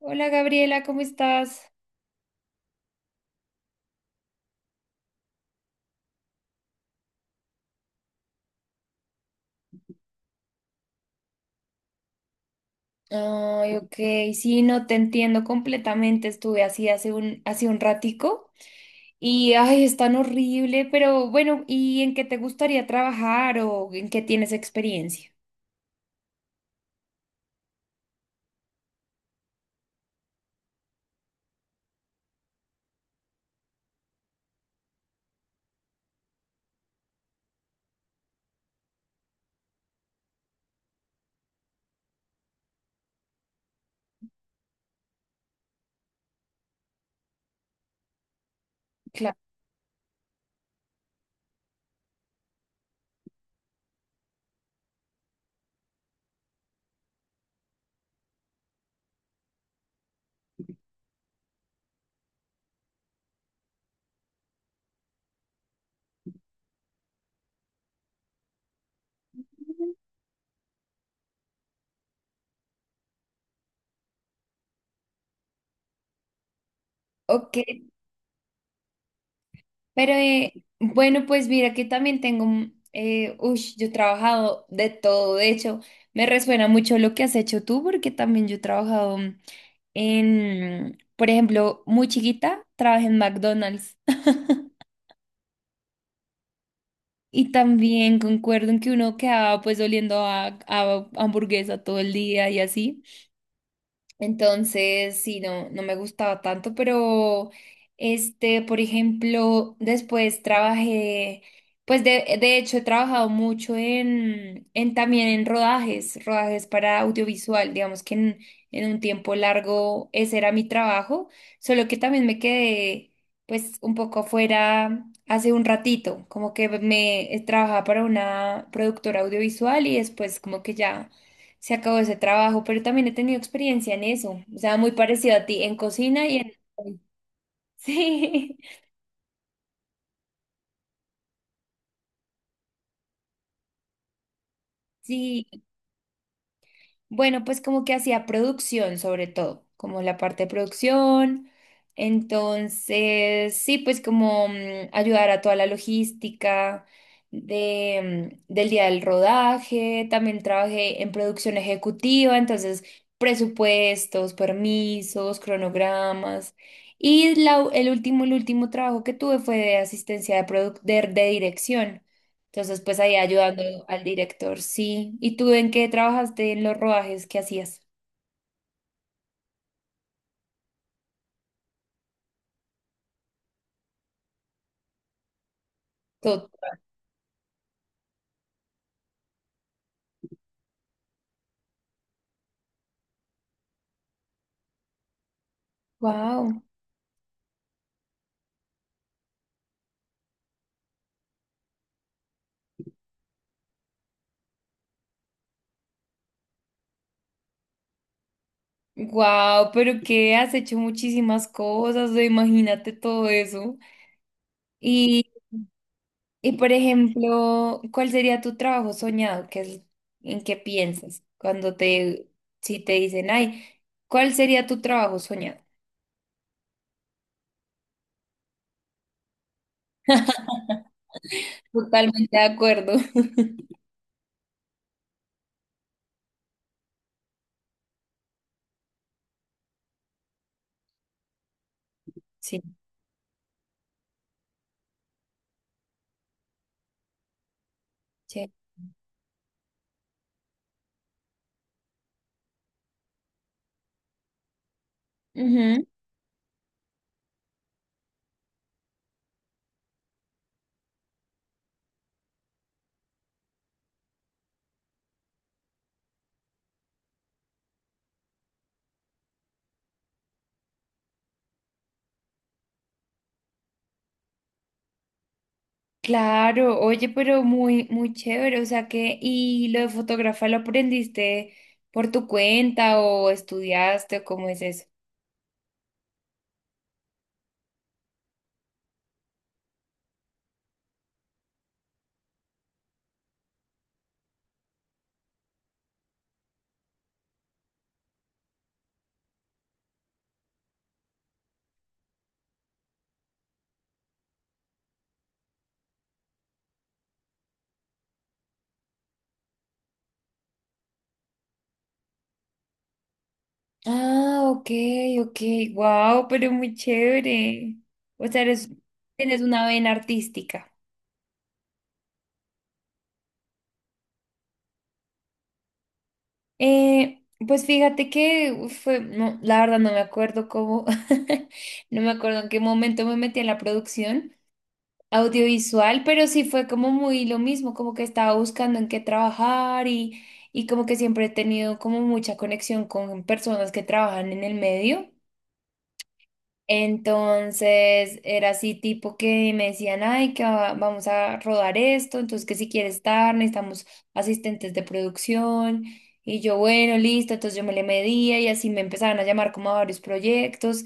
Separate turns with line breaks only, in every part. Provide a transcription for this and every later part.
Hola Gabriela, ¿cómo estás? Ay, ok, sí, no te entiendo completamente. Estuve así hace un ratico y ay, es tan horrible, pero bueno, ¿y en qué te gustaría trabajar o en qué tienes experiencia? Claro. Ok. Pero bueno, pues mira que también tengo, yo he trabajado de todo, de hecho, me resuena mucho lo que has hecho tú, porque también yo he trabajado en, por ejemplo, muy chiquita, trabajé en McDonald's y también concuerdo en que uno quedaba pues oliendo a hamburguesa todo el día y así. Entonces, sí, no me gustaba tanto, pero este, por ejemplo, después trabajé, pues de hecho he trabajado mucho en también en rodajes, rodajes para audiovisual, digamos en un tiempo largo ese era mi trabajo, solo que también me quedé pues un poco afuera hace un ratito, como que me trabajaba para una productora audiovisual y después como que ya se acabó ese trabajo, pero también he tenido experiencia en eso, o sea, muy parecido a ti, en cocina y en... Sí, sí. Bueno, pues como que hacía producción sobre todo, como la parte de producción. Entonces, sí, pues como ayudar a toda la logística de, del día del rodaje. También trabajé en producción ejecutiva, entonces presupuestos, permisos, cronogramas. Y la u- el último trabajo que tuve fue de asistencia de, produc- de dirección. Entonces, pues ahí ayudando al director, sí. ¿Y tú en qué trabajaste en los rodajes que hacías? Todo. Wow. Wow, pero que has hecho muchísimas cosas, o imagínate todo eso. Y, y por ejemplo, ¿cuál sería tu trabajo soñado? ¿Qué es, en qué piensas cuando te, si te dicen, ay, ¿cuál sería tu trabajo soñado? Totalmente de acuerdo. Sí, sí. Claro, oye, pero muy, muy chévere, o sea que, ¿y lo de fotógrafa lo aprendiste por tu cuenta o estudiaste o cómo es eso? Ah, ok, ok, wow, pero muy chévere. O sea, eres, tienes una vena artística. Pues fíjate que uf, fue, no, la verdad no me acuerdo cómo, no me acuerdo en qué momento me metí en la producción audiovisual, pero sí fue como muy lo mismo, como que estaba buscando en qué trabajar y como que siempre he tenido como mucha conexión con personas que trabajan en el medio. Entonces era así tipo que me decían, ay, vamos a rodar esto, entonces que si quieres estar, necesitamos asistentes de producción. Y yo, bueno, listo, entonces yo me le medía y así me empezaron a llamar como a varios proyectos.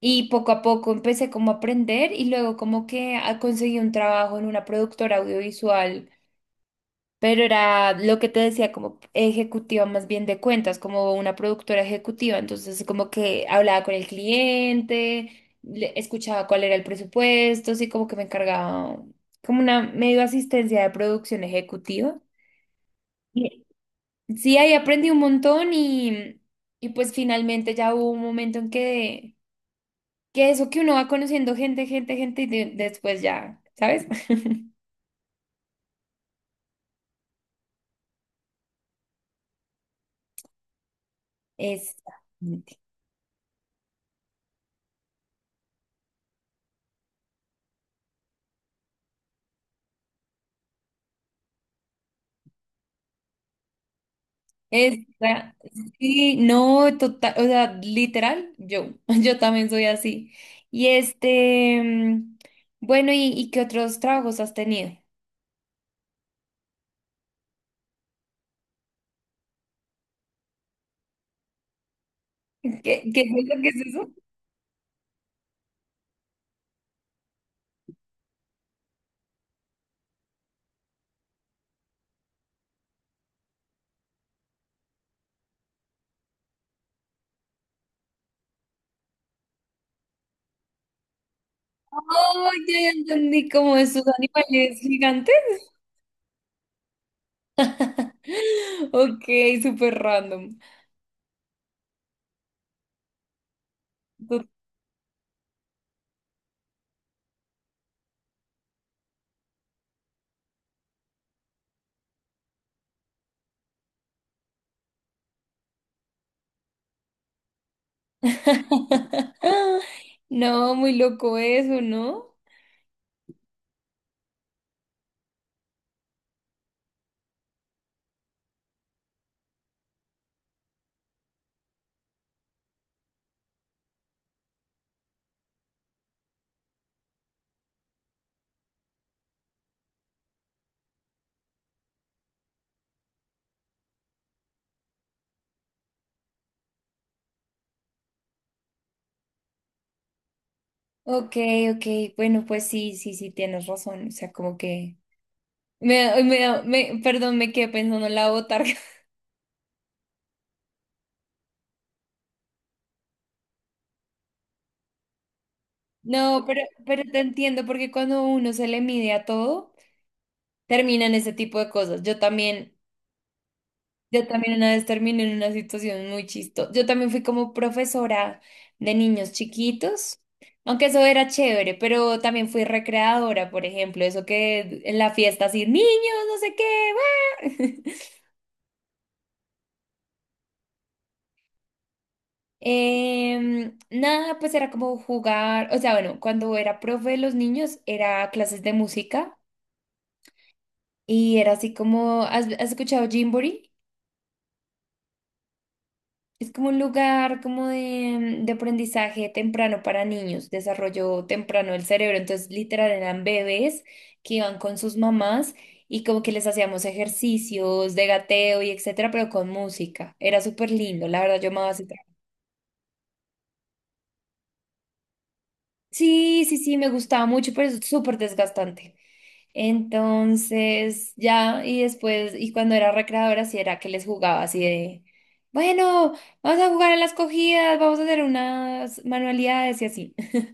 Y poco a poco empecé como a aprender y luego como que conseguí un trabajo en una productora audiovisual, pero era lo que te decía como ejecutiva más bien de cuentas, como una productora ejecutiva. Entonces como que hablaba con el cliente, escuchaba cuál era el presupuesto, así como que me encargaba como una medio asistencia de producción ejecutiva. Y- Sí, ahí aprendí un montón y pues finalmente ya hubo un momento en que... Que eso que uno va conociendo gente, gente, gente y después ya, ¿sabes? Exactamente. Esa- sí, no, total, o sea, literal, yo, yo también soy así. Y este, bueno, y qué otros trabajos has tenido? ¿Qué, qué es eso? ¿Qué es eso? Oh, ya ya entendí como esos animales gigantes. Ok, súper random. Tot- No, muy loco eso, ¿no? Ok, ok, bueno, pues sí, sí, sí, tienes razón, o sea, como que, perdón, me quedé pensando en la botarga. No, pero te entiendo, porque cuando uno se le mide a todo, terminan ese tipo de cosas. Yo también una vez terminé en una situación muy chistosa. Yo también fui como profesora de niños chiquitos, aunque eso era chévere, pero también fui recreadora, por ejemplo, eso que en la fiesta así, niños, no sé qué, ¡guau! Nada, pues era como jugar, o sea, bueno, cuando era profe de los niños era clases de música y era así como, ¿has, has escuchado Gymboree? Es como un lugar como de aprendizaje temprano para niños, desarrollo temprano del cerebro, entonces literal eran bebés que iban con sus mamás y como que les hacíamos ejercicios de gateo y etcétera, pero con música, era súper lindo, la verdad yo amaba ese. Sí, sí, sí, me gustaba mucho, pero es súper desgastante. Entonces, ya, y después, y cuando era recreadora, sí era que les jugaba así de, bueno, vamos a jugar a las cogidas, vamos a hacer unas manualidades y así.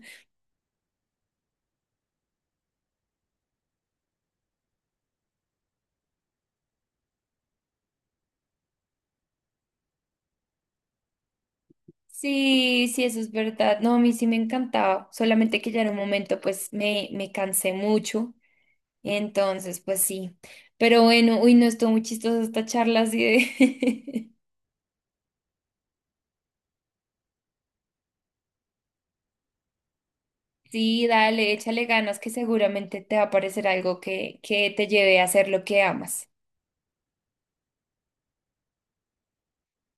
Sí, sí, eso es verdad. No, a mí sí me encantaba, solamente que ya en un momento, pues, me cansé mucho. Entonces, pues sí. Pero bueno, uy, no estuvo muy chistosa esta charla así de... Sí, dale, échale ganas que seguramente te va a parecer algo que te lleve a hacer lo que amas.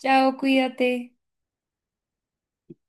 Chao, cuídate.